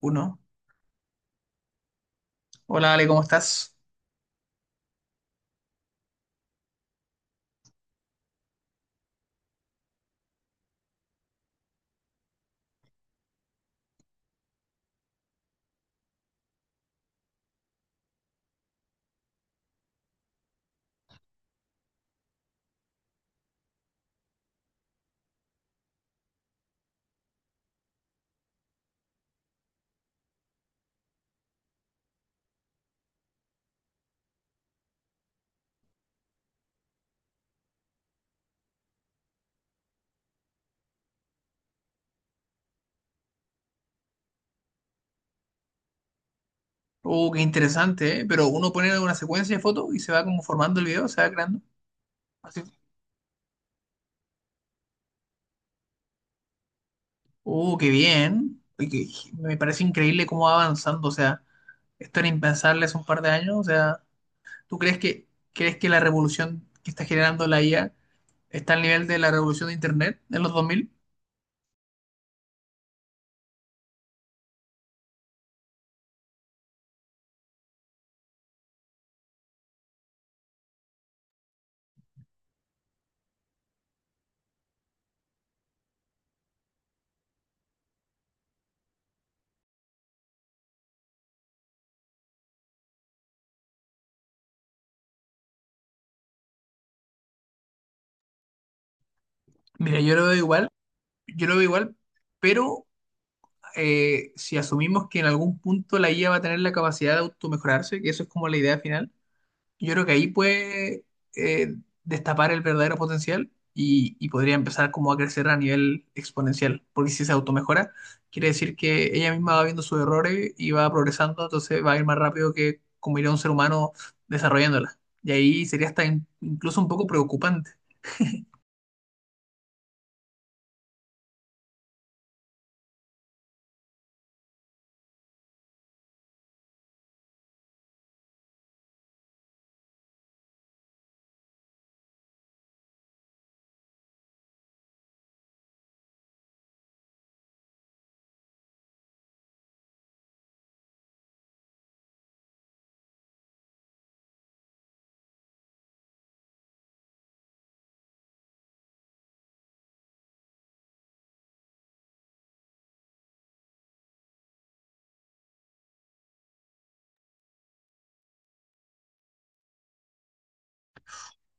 Uno. Hola Ale, ¿cómo estás? Oh, qué interesante, ¿eh? Pero uno pone una secuencia de fotos y se va como formando el video, se va creando. Así. Oh, qué bien. Oye, me parece increíble cómo va avanzando. O sea, esto era impensable hace un par de años. O sea, ¿tú crees que, ¿crees que la revolución que está generando la IA está al nivel de la revolución de Internet en los 2000? Mira, yo lo veo igual, pero si asumimos que en algún punto la IA va a tener la capacidad de automejorarse, que eso es como la idea final, yo creo que ahí puede eh, destapar el verdadero potencial y podría empezar como a crecer a nivel exponencial, porque si se automejora, quiere decir que ella misma va viendo sus errores y va progresando, entonces va a ir más rápido que como iría un ser humano desarrollándola. Y ahí sería hasta incluso un poco preocupante.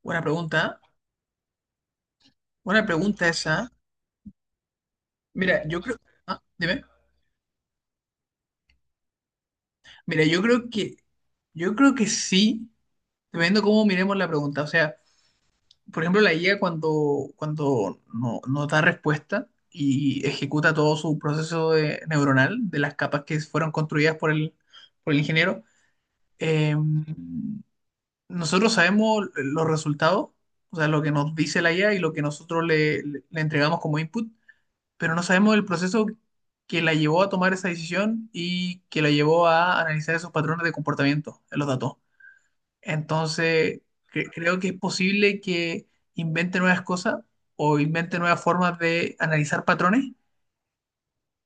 Buena pregunta, ¿eh? Buena pregunta esa. Mira, yo creo, ah, dime. Mira, yo creo que sí, dependiendo cómo miremos la pregunta, o sea. Por ejemplo, la IA cuando no da respuesta y ejecuta todo su neuronal de las capas que fueron construidas por el ingeniero, eh, nosotros sabemos los resultados, o sea, lo que nos dice la IA y lo que nosotros le entregamos como input, pero no sabemos el proceso que la llevó a tomar esa decisión y que la llevó a analizar esos patrones de comportamiento en los datos. Entonces, creo que es posible que invente nuevas cosas o invente nuevas formas de analizar patrones,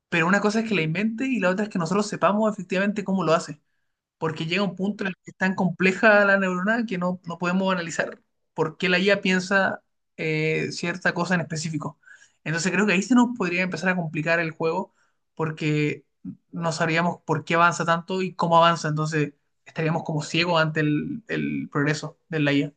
pero una cosa es que la invente y la otra es que nosotros sepamos efectivamente cómo lo hace, porque llega un punto en el que es tan compleja la neurona que no podemos analizar por qué la IA piensa cierta cosa en específico. Entonces, creo que ahí se nos podría empezar a complicar el juego porque no sabríamos por qué avanza tanto y cómo avanza, entonces estaríamos como ciegos ante el progreso de la IA.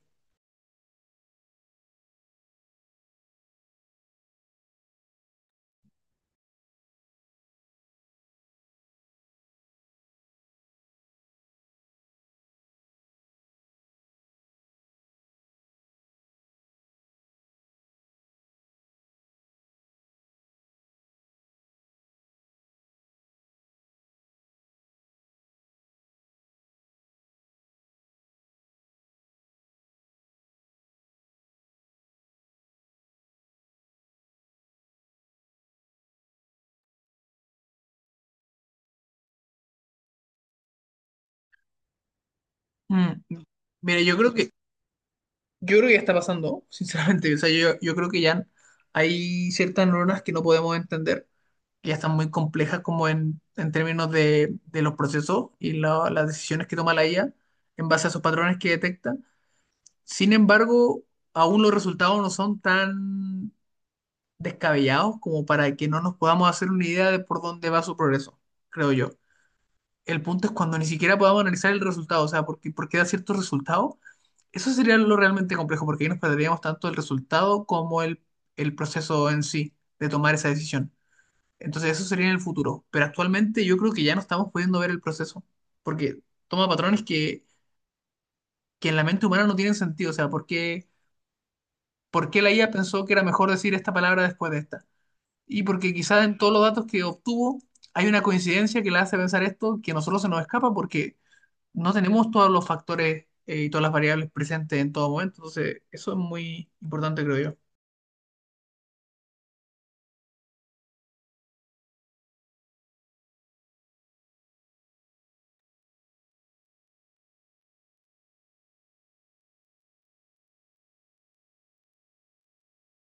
Mm. Mira, yo creo que ya está pasando, sinceramente. O sea, yo creo que ya hay ciertas neuronas que no podemos entender, que ya están muy complejas como en términos de los procesos y las decisiones que toma la IA en base a esos patrones que detecta. Sin embargo, aún los resultados no son tan descabellados como para que no nos podamos hacer una idea de por dónde va su progreso, creo yo. El punto es cuando ni siquiera podamos analizar el resultado, o sea, porque da ciertos resultados. Eso sería lo realmente complejo, porque ahí nos perderíamos tanto el resultado como el proceso en sí de tomar esa decisión. Entonces, eso sería en el futuro. Pero actualmente yo creo que ya no estamos pudiendo ver el proceso, porque toma patrones que en la mente humana no tienen sentido. O sea, ¿por qué la IA pensó que era mejor decir esta palabra después de esta? Y porque quizás en todos los datos que obtuvo hay una coincidencia que la hace pensar esto que a nosotros se nos escapa porque no tenemos todos los factores y todas las variables presentes en todo momento. Entonces, eso es muy importante, creo yo.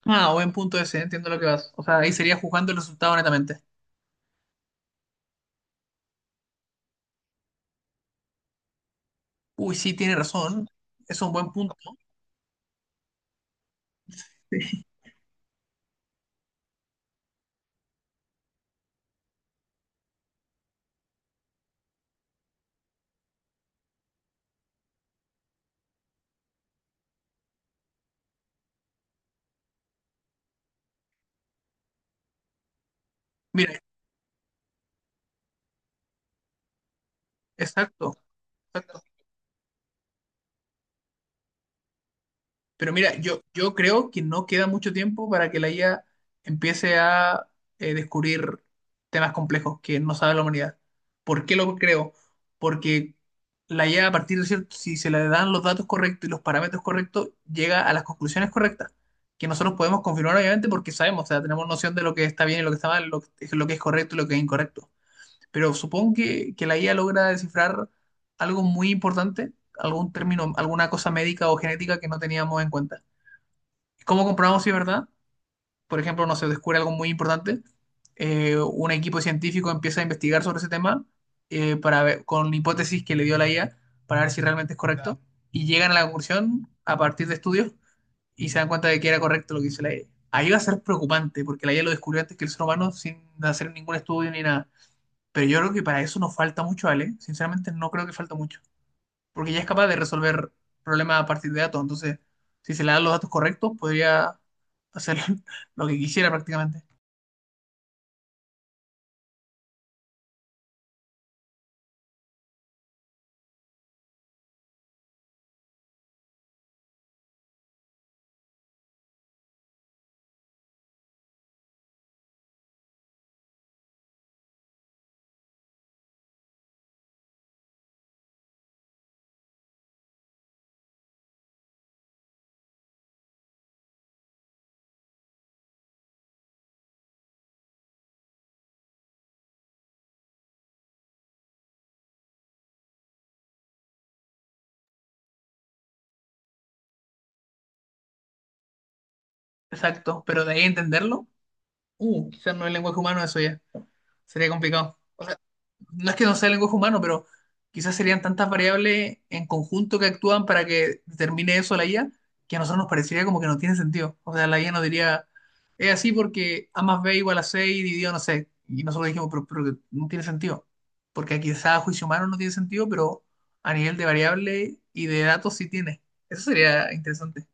Ah, buen punto ese, entiendo lo que vas. O sea, ahí sería juzgando el resultado netamente. Uy, sí, tiene razón. Es un buen punto. Mira, exacto. Exacto. Pero mira, yo creo que no queda mucho tiempo para que la IA empiece a descubrir temas complejos que no sabe la humanidad. ¿Por qué lo creo? Porque la IA, a partir de cierto, si se le dan los datos correctos y los parámetros correctos, llega a las conclusiones correctas, que nosotros podemos confirmar obviamente porque sabemos, o sea, tenemos noción de lo que está bien y lo que está mal, lo que es correcto y lo que es incorrecto. Pero supongo que la IA logra descifrar algo muy importante, algún término, alguna cosa médica o genética que no teníamos en cuenta. ¿Cómo comprobamos si es verdad? Por ejemplo, no se descubre algo muy importante. Eh, un equipo científico empieza a investigar sobre ese tema, para ver, con hipótesis que le dio la IA, para ver si realmente es correcto. Y llegan a la conclusión a partir de estudios y se dan cuenta de que era correcto lo que hizo la IA. Ahí va a ser preocupante porque la IA lo descubrió antes que el ser humano sin hacer ningún estudio ni nada. Pero yo creo que para eso nos falta mucho, Ale. Sinceramente, no creo que falta mucho porque ya es capaz de resolver problemas a partir de datos. Entonces, si se le dan los datos correctos, podría hacer lo que quisiera prácticamente. Exacto, pero de ahí entenderlo, quizás no es lenguaje humano eso ya, sería complicado. O sea, no es que no sea el lenguaje humano, pero quizás serían tantas variables en conjunto que actúan para que determine eso la IA, que a nosotros nos parecería como que no tiene sentido. O sea, la IA nos diría, es así porque A más B igual a 6 dividido, no sé. Y nosotros dijimos, pero que no tiene sentido. Porque quizás a juicio humano no tiene sentido, pero a nivel de variable y de datos sí tiene. Eso sería interesante.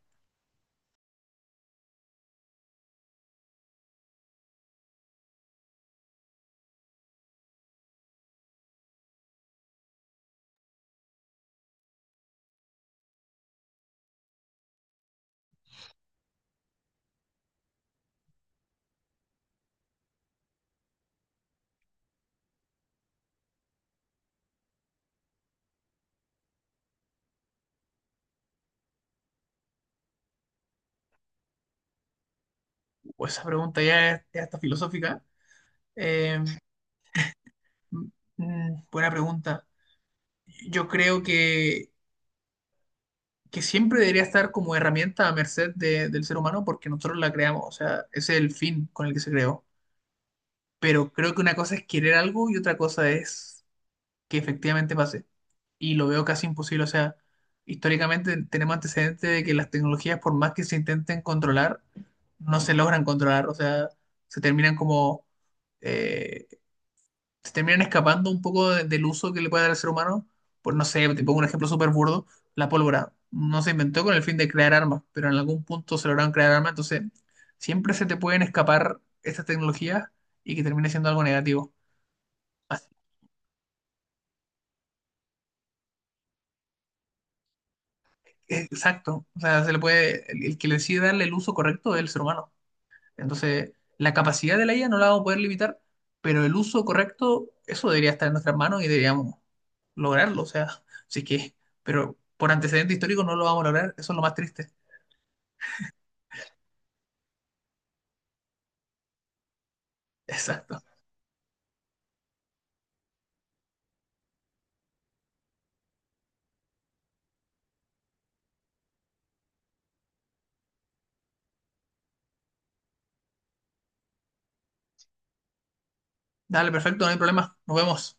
Pues esa pregunta ya está filosófica. Eh, mm, buena pregunta. Yo creo que siempre debería estar como herramienta a merced del ser humano porque nosotros la creamos, o sea, ese es el fin con el que se creó. Pero creo que una cosa es querer algo y otra cosa es que efectivamente pase. Y lo veo casi imposible, o sea, históricamente tenemos antecedentes de que las tecnologías, por más que se intenten controlar, no se logran controlar, o sea, se terminan como eh, se terminan escapando un poco del uso que le puede dar al ser humano. Por no sé, te pongo un ejemplo súper burdo: la pólvora no se inventó con el fin de crear armas, pero en algún punto se lograron crear armas, entonces siempre se te pueden escapar estas tecnologías y que termine siendo algo negativo. Así- Exacto, o sea, se le puede, el que le decide darle el uso correcto es el ser humano. Entonces, la capacidad de la IA no la vamos a poder limitar, pero el uso correcto, eso debería estar en nuestras manos y deberíamos lograrlo. O sea, sí que, pero por antecedente histórico no lo vamos a lograr, eso es lo más triste. Exacto. Dale, perfecto, no hay problema. Nos vemos.